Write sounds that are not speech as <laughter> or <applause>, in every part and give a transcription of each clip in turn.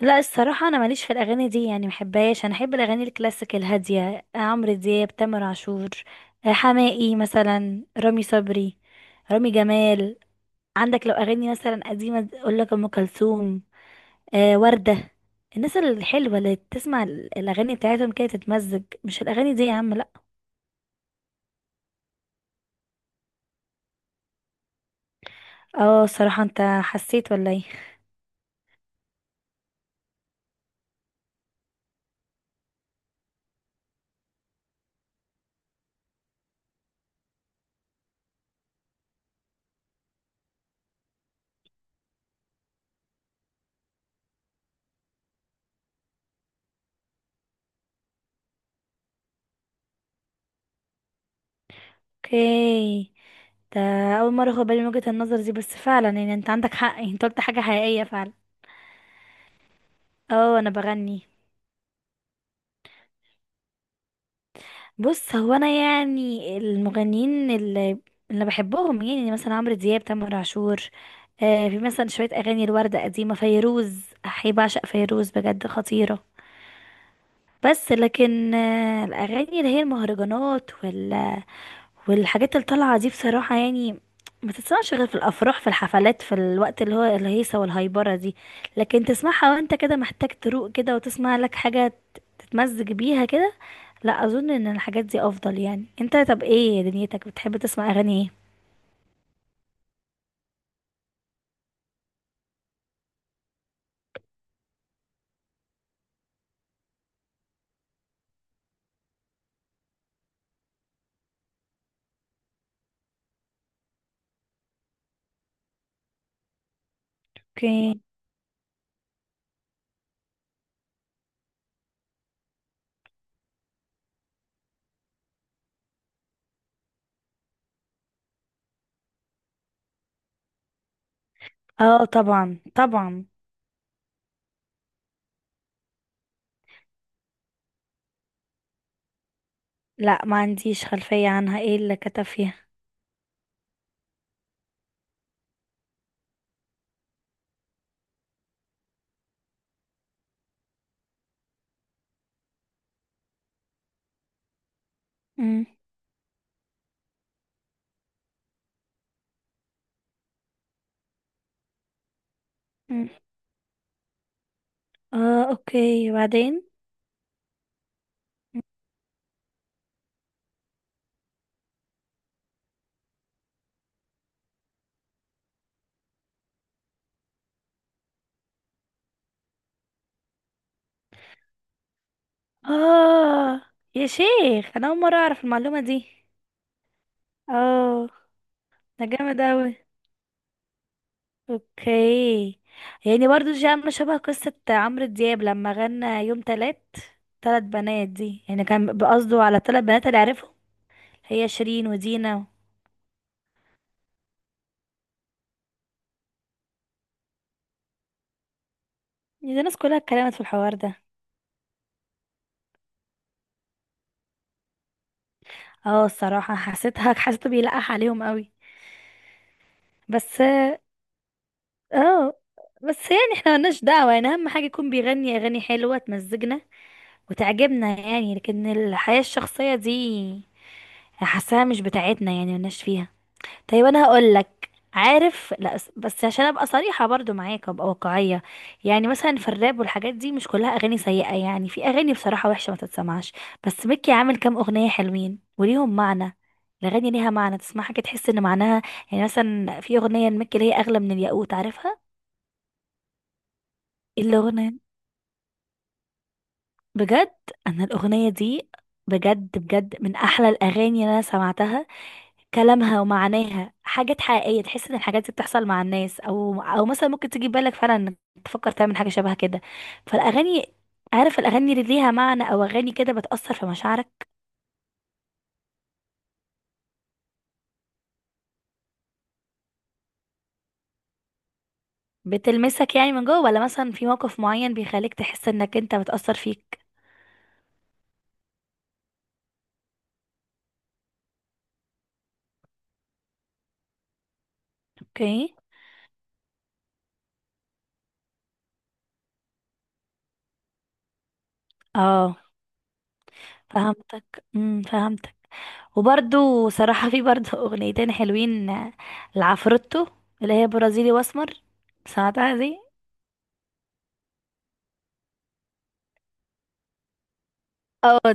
لا، الصراحة أنا ماليش في الأغاني دي، يعني محبهاش. أنا أحب الأغاني الكلاسيك الهادية، عمرو دياب، تامر عاشور، حماقي مثلا، رامي صبري، رامي جمال. عندك لو أغاني مثلا قديمة أقول لك أم كلثوم، وردة. الناس الحلوة اللي تسمع الأغاني بتاعتهم كده تتمزج، مش الأغاني دي يا عم، لأ. اه، الصراحة أنت حسيت ولا ايه؟ اوكي. ده أول مرة أخد بالي من وجهة النظر دي، بس فعلا يعني أنت عندك حق، يعني أنت قلت حاجة حقيقية فعلا. اه، أنا بغني. بص، هو انا يعني المغنيين اللي بحبهم، يعني مثلا عمرو دياب، تامر عاشور. في مثلا شويه اغاني الوردة قديمه، فيروز، احي بعشق فيروز بجد، خطيره. بس لكن الاغاني اللي هي المهرجانات والحاجات اللي طالعه دي بصراحه، يعني ما تتسمعش غير في الافراح، في الحفلات، في الوقت اللي هو الهيصه والهايبره دي. لكن تسمعها وانت كده محتاج تروق كده وتسمع لك حاجه تتمزج بيها كده، لا اظن ان الحاجات دي افضل. يعني انت طب ايه دنيتك، بتحب تسمع اغاني ايه؟ اوكي. اه، طبعا طبعا. لا، ما عنديش خلفية عنها، ايه اللي كتب فيها؟ مم. مم. اه، اوكي، وبعدين؟ اه. يا شيخ، انا اول مرة اعرف المعلومة دي. اه، ده جامد اوي. اوكي. يعني برضو دي عاملة شبه قصة عمرو دياب لما غنى يوم تلات، تلات بنات دي، يعني كان بقصده على تلات بنات اللي عرفهم، هي شيرين ودينا. دي ناس كلها اتكلمت في الحوار ده. اه، الصراحة حسيتها <laughs> حسيته بيلقح عليهم قوي. بس. اه. بس يعني احنا ملناش دعوة، يعني اهم حاجة يكون بيغني اغاني حلوة تمزجنا وتعجبنا يعني، لكن الحياة الشخصية دي حاساها مش بتاعتنا، يعني ملناش فيها. طيب انا هقول لك، عارف، لا بس عشان ابقى صريحه برضو معاك وابقى واقعيه. يعني مثلا في الراب والحاجات دي مش كلها اغاني سيئه، يعني في اغاني بصراحه وحشه ما تتسمعش، بس ميكي عامل كام اغنيه حلوين وليهم معنى. الاغاني ليها معنى، تسمعها كده تحس ان معناها، يعني مثلا في اغنيه لميكي اللي هي اغلى من الياقوت، عارفها؟ إيه الاغنيه؟ بجد؟ انا الاغنيه دي بجد بجد من احلى الاغاني اللي انا سمعتها. كلامها ومعاناها حاجات حقيقية، تحس ان الحاجات دي بتحصل مع الناس، او او مثلا ممكن تيجي في بالك فعلا انك تفكر تعمل حاجة شبه كده. فالاغاني، عارف الاغاني اللي ليها معنى او اغاني كده بتأثر في مشاعرك. بتلمسك يعني من جوه، ولا مثلا في موقف معين بيخليك تحس انك انت بتأثر فيك؟ اوكي. اه، فهمتك. وبرده صراحة، في برده <laughs> اغنيتين حلوين، لعفروتو، اللي هي برازيلي واسمر. سمعتها دي؟ اه.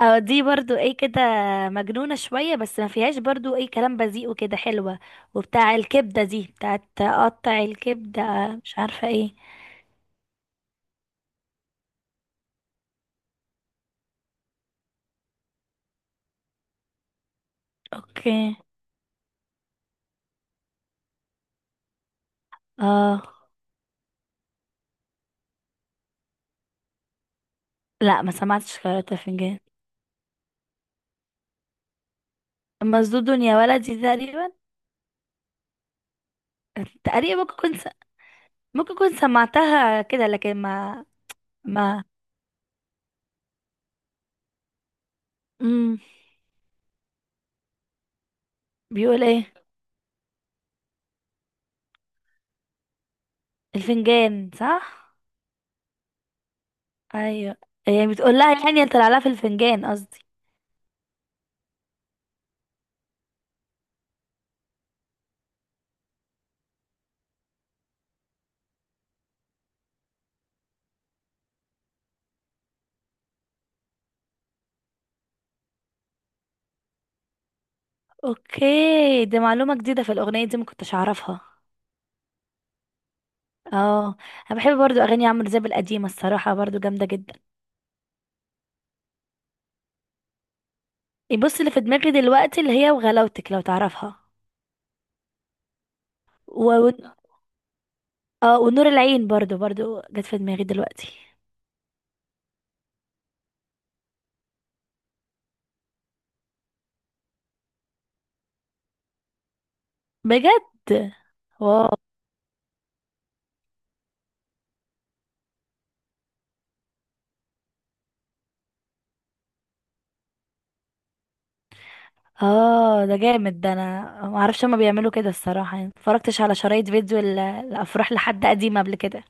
اه، دي برضو ايه كده، مجنونة شوية، بس ما فيهاش برضو ايه كلام بذيء وكده، حلوة. وبتاع الكبدة دي بتاعت قطع الكبدة، مش عارفة ايه. اوكي. اه. لا، ما سمعتش قارئة فنجان. مسدود يا ولدي تقريبا. تقريبا، ممكن كنت سمعتها كده لكن ما. ما. امم بيقول ايه الفنجان؟ صح. ايوه. يعني بتقول لها يعني طلع لها في الفنجان قصدي. اوكي. دي معلومة جديدة في الأغنية دي، ما كنتش أعرفها. اه. انا بحب برضو اغاني عمرو دياب القديمه الصراحه برضو، جامده جدا. إيه، بص اللي في دماغي دلوقتي اللي هي وغلاوتك، لو تعرفها. و... و... اه، ونور العين برضو برضو جت في دماغي دلوقتي. بجد. واو. اه، ده جامد. ده انا ما اعرفش هما بيعملوا كده الصراحه، يعني مفرجتش على شرايط فيديو الافراح لحد قديم قبل كده.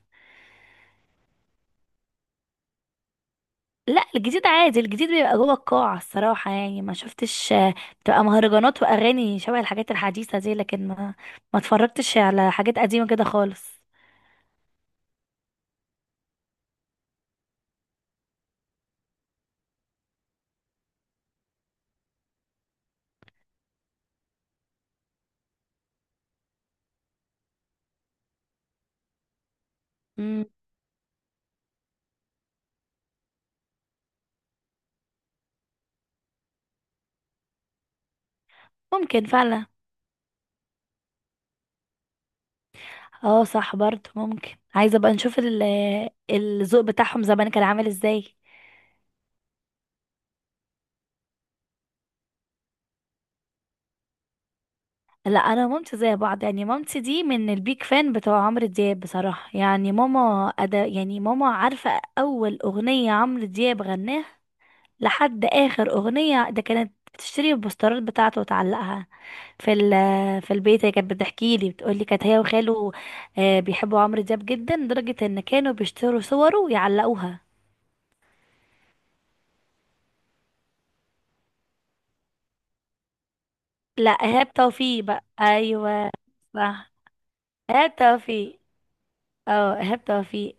لا، الجديد عادي، الجديد بيبقى جوه القاعة الصراحة، يعني ما شفتش، بتبقى مهرجانات وأغاني شبه الحاجات الحديثة دي، لكن ما اتفرجتش على حاجات قديمة كده خالص. مم. ممكن فعلا. اه، صح برضه. ممكن عايزة بقى نشوف الذوق بتاعهم زمان كان عامل ازاي. لا، انا ومامتي زي بعض يعني، مامتي دي من البيك فان بتوع عمرو دياب بصراحة، يعني ماما أدا يعني، ماما عارفة اول اغنية عمرو دياب غناها لحد اخر اغنيه. ده كانت بتشتري البوسترات بتاعته وتعلقها في ال في البيت. هي كانت بتحكي لي بتقول لي كانت هي وخاله بيحبوا عمرو دياب جدا، لدرجه ان كانوا بيشتروا صوره ويعلقوها. لا، ايهاب توفيق بقى، ايوه. صح، ايهاب توفيق. اه، ايهاب توفيق.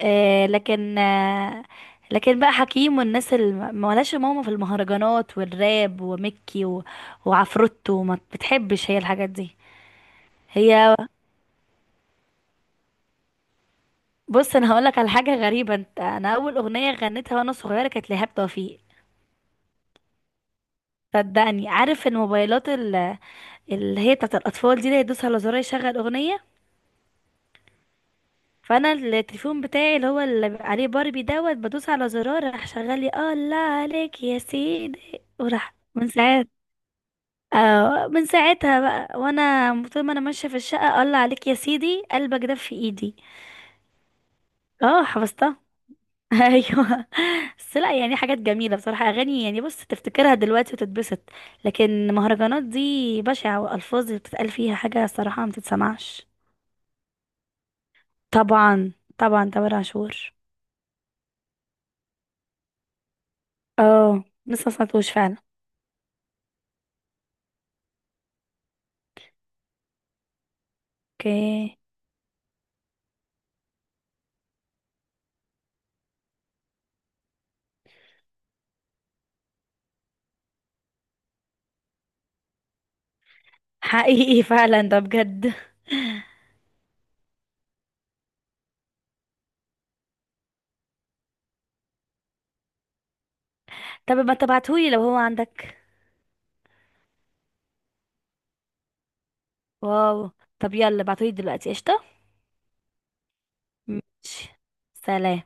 لكن لكن بقى حكيم والناس اللي ما لهاش ماما في المهرجانات والراب وميكي وعفروتو ما بتحبش هي الحاجات دي. هي بص، انا هقولك على حاجه غريبه، انا اول اغنيه غنيتها وانا صغيره كانت لإيهاب توفيق. صدقني، عارف الموبايلات اللي هي بتاعت الاطفال دي، اللي يدوس على زرار يشغل اغنيه؟ فانا التليفون بتاعي اللي هو اللي بيبقى عليه باربي دوت، بدوس على زرار راح شغال لي الله عليك يا سيدي، وراح من ساعات. من ساعتها بقى وانا طول ما انا ماشيه في الشقه، الله عليك يا سيدي قلبك دب في ايدي. اه، حفظتها <laughs> ايوه. بس لا يعني حاجات جميله بصراحه، اغاني يعني بص تفتكرها دلوقتي وتتبسط، لكن مهرجانات دي بشعه والفاظ اللي بتتقال فيها حاجه صراحه ما تتسمعش. طبعا، طبعا تامر عاشور. اه، لسه ما سمعتوش فعلا. اوكي. حقيقي <laughs> فعلا، ده بجد. طب ما تبعتهولي لو هو عندك. واو. طب يلا ابعتهولي دلوقتي، قشطه. ماشي. سلام.